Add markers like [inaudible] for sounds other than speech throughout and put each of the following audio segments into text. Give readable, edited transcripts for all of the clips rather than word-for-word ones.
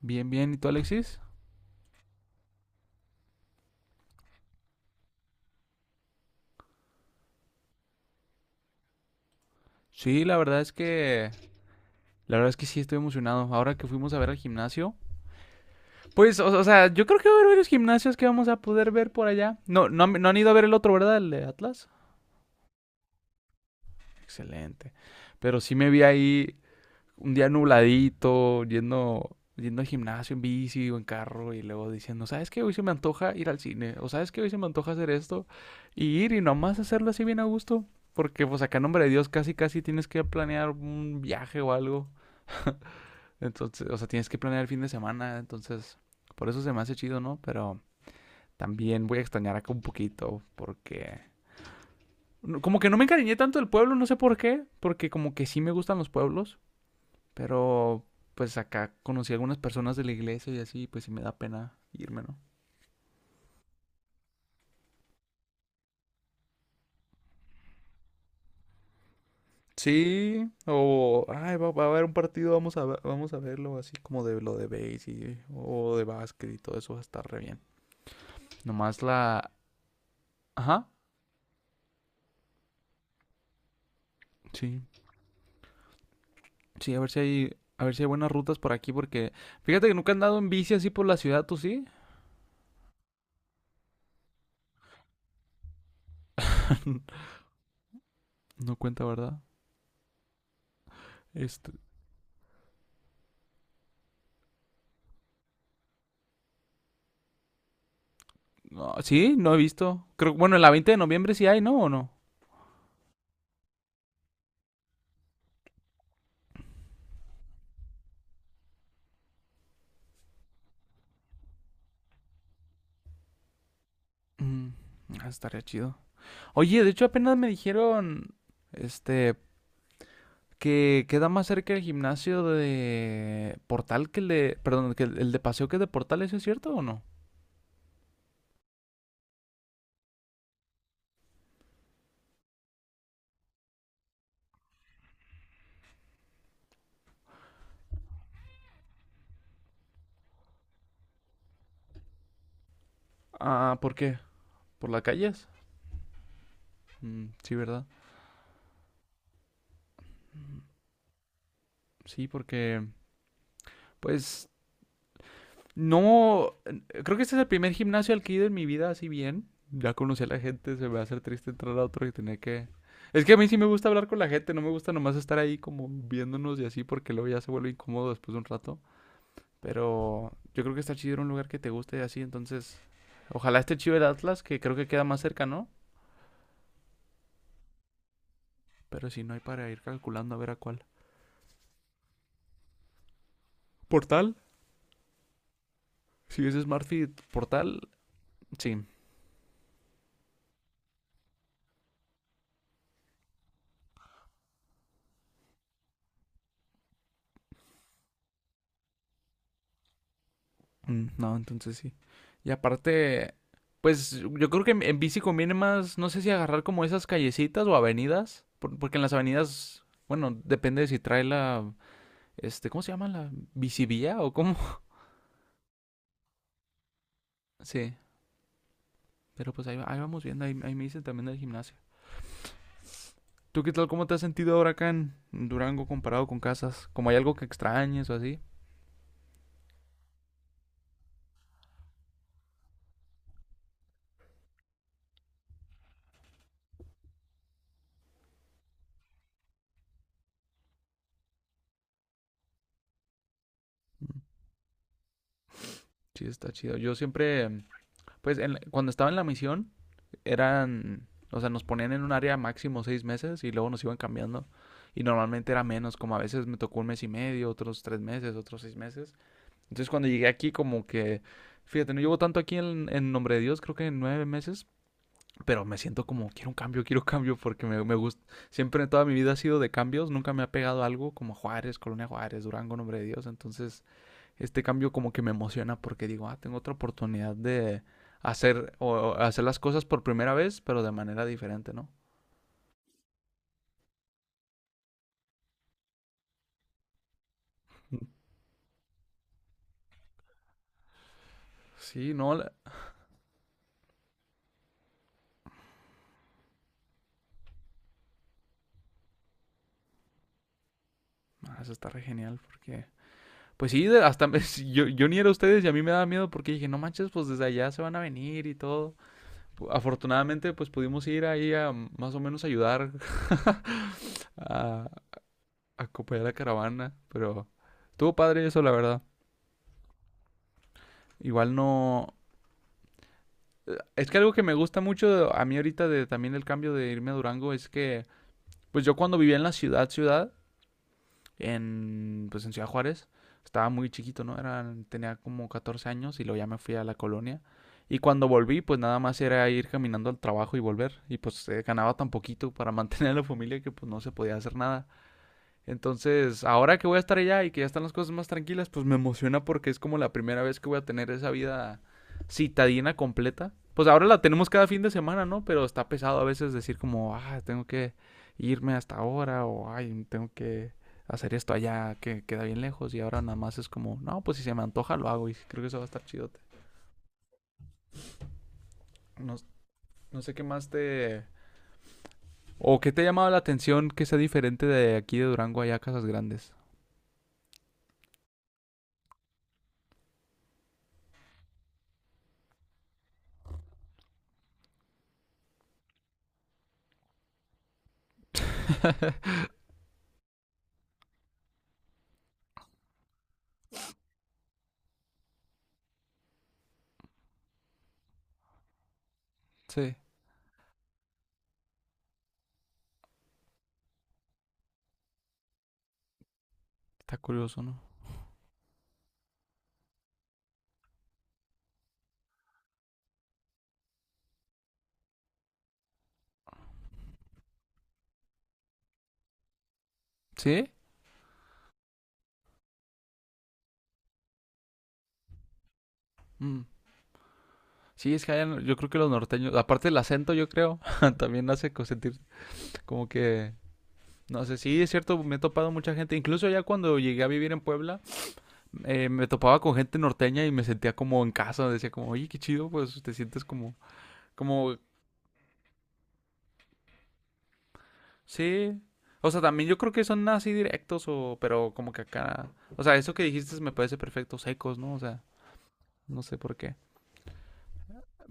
Bien, bien. ¿Y tú, Alexis? Sí, la verdad es que sí estoy emocionado. Ahora que fuimos a ver al gimnasio, pues, o sea, yo creo que va a haber varios gimnasios que vamos a poder ver por allá. No, no, no han ido a ver el otro, ¿verdad? El de Atlas. Excelente. Pero sí me vi ahí un día nubladito, yendo al gimnasio en bici o en carro y luego diciendo, ¿sabes qué? Hoy se me antoja ir al cine. O ¿sabes qué? Hoy se me antoja hacer esto. Y ir y nomás hacerlo así bien a gusto. Porque pues acá, en nombre de Dios, casi casi tienes que planear un viaje o algo. [laughs] Entonces, o sea, tienes que planear el fin de semana. Entonces, por eso se me hace chido, ¿no? Pero también voy a extrañar acá un poquito porque... Como que no me encariñé tanto del pueblo, no sé por qué. Porque como que sí me gustan los pueblos. Pero pues acá conocí a algunas personas de la iglesia y así, pues sí me da pena irme, ¿no? Sí, o ay, va a haber un partido, vamos a verlo así como de lo de o de básquet y todo eso va a estar re bien. Nomás la... Ajá. Sí. Sí, a ver si hay buenas rutas por aquí, porque fíjate que nunca he andado en bici así por la ciudad, ¿tú sí? [laughs] No cuenta, ¿verdad? Este, no, sí, no he visto. Creo, bueno, en la 20 de noviembre sí hay, ¿no? ¿O no? Mm, ah, estaría chido. Oye, de hecho apenas me dijeron, este, que queda más cerca el gimnasio de Portal que el de, perdón, que el de Paseo que el de Portal, ¿eso es cierto o no? Ah, ¿por qué? ¿Por las calles? Mm, sí, ¿verdad? Sí, porque, pues, no, creo que este es el primer gimnasio al que he ido en mi vida así bien. Ya conocí a la gente, se me va a hacer triste entrar a otro y tener que... Es que a mí sí me gusta hablar con la gente, no me gusta nomás estar ahí como viéndonos y así porque luego ya se vuelve incómodo después de un rato. Pero yo creo que está chido ir a un lugar que te guste y así, entonces... Ojalá esté chido el Atlas, que creo que queda más cerca, ¿no? Pero si no hay para ir calculando a ver a cuál. Portal, si es Smartfit Portal, sí. Mm, no, entonces sí. Y aparte, pues yo creo que en bici conviene más, no sé si agarrar como esas callecitas o avenidas, porque en las avenidas, bueno, depende de si trae la, este, ¿cómo se llama? La bicivía o cómo. [laughs] Sí, pero pues ahí, ahí vamos viendo, ahí me dicen también del gimnasio. ¿Tú qué tal, cómo te has sentido ahora acá en Durango comparado con Casas? ¿Como hay algo que extrañes o así? Sí, está chido. Yo siempre, pues cuando estaba en la misión, eran, o sea, nos ponían en un área máximo 6 meses y luego nos iban cambiando. Y normalmente era menos, como a veces me tocó un mes y medio, otros 3 meses, otros 6 meses. Entonces cuando llegué aquí como que, fíjate, no llevo tanto aquí en nombre de Dios, creo que en 9 meses, pero me siento como, quiero un cambio, quiero cambio porque me gusta. Siempre en toda mi vida ha sido de cambios, nunca me ha pegado algo como Juárez, Colonia Juárez, Durango, nombre de Dios. Entonces este cambio como que me emociona porque digo, ah, tengo otra oportunidad de hacer o hacer las cosas por primera vez, pero de manera diferente, ¿no? Sí, no, ah, eso está re genial porque pues sí, hasta [laughs] sí, yo ni era ustedes y a mí me daba miedo porque dije, no manches, pues desde allá se van a venir y todo. Afortunadamente, pues pudimos ir ahí a más o menos ayudar [laughs] a acompañar la caravana, pero estuvo padre eso, la verdad. Igual no, es que algo que me gusta mucho a mí ahorita de también el cambio de irme a Durango es que, pues yo cuando vivía en la ciudad, ciudad, pues en Ciudad Juárez, estaba muy chiquito, ¿no? Era, tenía como 14 años y luego ya me fui a la colonia. Y cuando volví, pues nada más era ir caminando al trabajo y volver. Y pues ganaba tan poquito para [laughs] mantener a la familia que pues no se podía hacer nada. Entonces, ahora que voy a estar allá y que ya están las cosas más tranquilas, pues me emociona porque es como la primera vez que voy a tener esa vida citadina completa. Pues ahora la tenemos cada fin de semana, ¿no? Pero está pesado a veces decir como, ah, tengo que irme hasta ahora o, ay, tengo que hacer esto allá que queda bien lejos y ahora nada más es como, no, pues si se me antoja lo hago y sí, creo que eso va a estar chidote. No, no sé qué más te... ¿O qué te ha llamado la atención que sea diferente de aquí de Durango allá a Casas Grandes? Sí, está curioso, ¿no? ¿Sí? Mm. Sí, es que allá yo creo que los norteños, aparte del acento, yo creo, [laughs] también hace sentir como que, no sé, sí, es cierto, me he topado mucha gente, incluso ya cuando llegué a vivir en Puebla, me topaba con gente norteña y me sentía como en casa, decía como, oye, qué chido, pues te sientes como, sí, o sea, también yo creo que son así directos o, pero como que acá, o sea, eso que dijiste me parece perfecto, secos, ¿no? O sea, no sé por qué,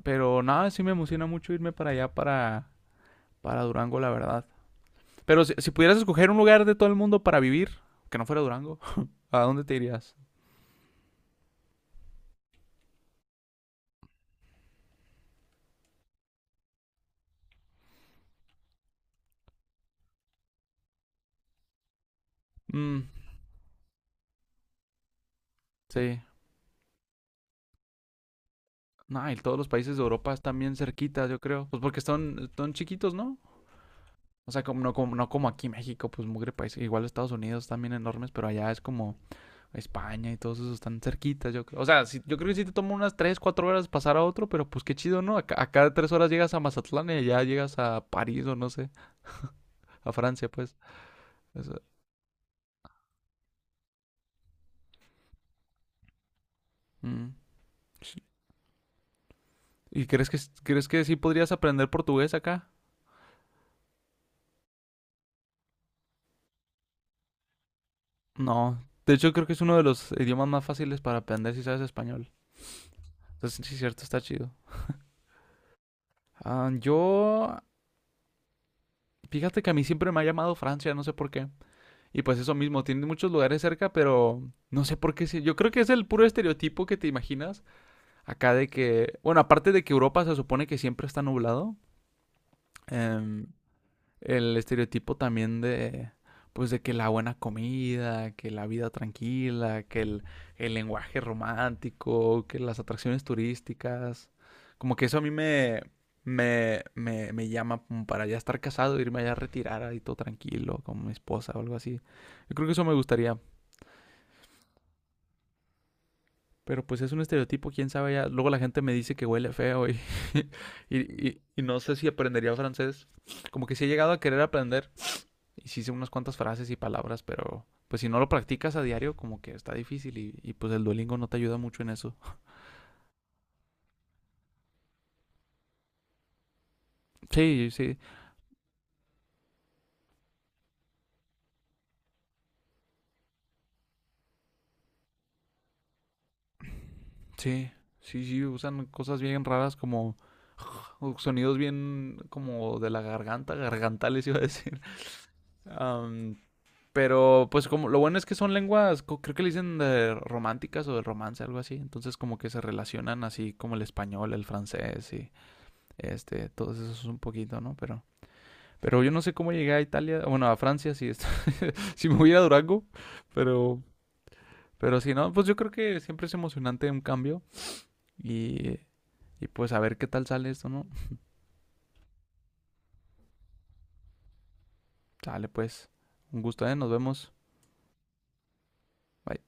pero nada, sí me emociona mucho irme para allá, para Durango, la verdad. Pero si pudieras escoger un lugar de todo el mundo para vivir, que no fuera Durango, ¿a dónde te irías? Mm, sí. No, y todos los países de Europa están bien cerquitas, yo creo. Pues porque están chiquitos, ¿no? O sea, como, no, como, no como aquí México, pues mugre país. Igual Estados Unidos también enormes, pero allá es como España y todos esos están cerquitas, yo creo. O sea, yo creo que sí te toma unas 3, 4 horas pasar a otro, pero pues qué chido, ¿no? Acá 3 horas llegas a Mazatlán y allá llegas a París o no sé, a Francia, pues. Eso, mm. ¿Y crees que sí podrías aprender portugués acá? No. De hecho, creo que es uno de los idiomas más fáciles para aprender si sabes español. Entonces, sí, es cierto, está chido. Ah, yo, fíjate que a mí siempre me ha llamado Francia, no sé por qué. Y pues eso mismo, tiene muchos lugares cerca, pero no sé por qué. Sí. Yo creo que es el puro estereotipo que te imaginas acá de que, bueno, aparte de que Europa se supone que siempre está nublado, em, el estereotipo también de pues de que la buena comida, que la vida tranquila, que el lenguaje romántico, que las atracciones turísticas, como que eso a mí me llama como para ya estar casado, irme allá a retirar ahí todo tranquilo, con mi esposa o algo así. Yo creo que eso me gustaría, pero pues es un estereotipo, quién sabe ya. Luego la gente me dice que huele feo y, [laughs] y no sé si aprendería francés. Como que sí he llegado a querer aprender, y sí sé unas cuantas frases y palabras, pero pues si no lo practicas a diario, como que está difícil y pues el Duolingo no te ayuda mucho en eso. [laughs] Sí, sí, sí. Sí, sí, usan cosas bien raras como sonidos bien como de la garganta, gargantales [laughs] iba a decir. Am, pero pues como lo bueno es que son lenguas, creo que le dicen de románticas o de romance, algo así. Entonces como que se relacionan así como el español, el francés y este, todos esos un poquito, ¿no? Pero yo no sé cómo llegué a Italia, bueno, a Francia, sí, [laughs] si me voy a ir a Durango, pero, si no, pues yo creo que siempre es emocionante un cambio y, y pues a ver qué tal sale esto, ¿no? Sale pues, un gusto, ¿eh? Nos vemos. Bye.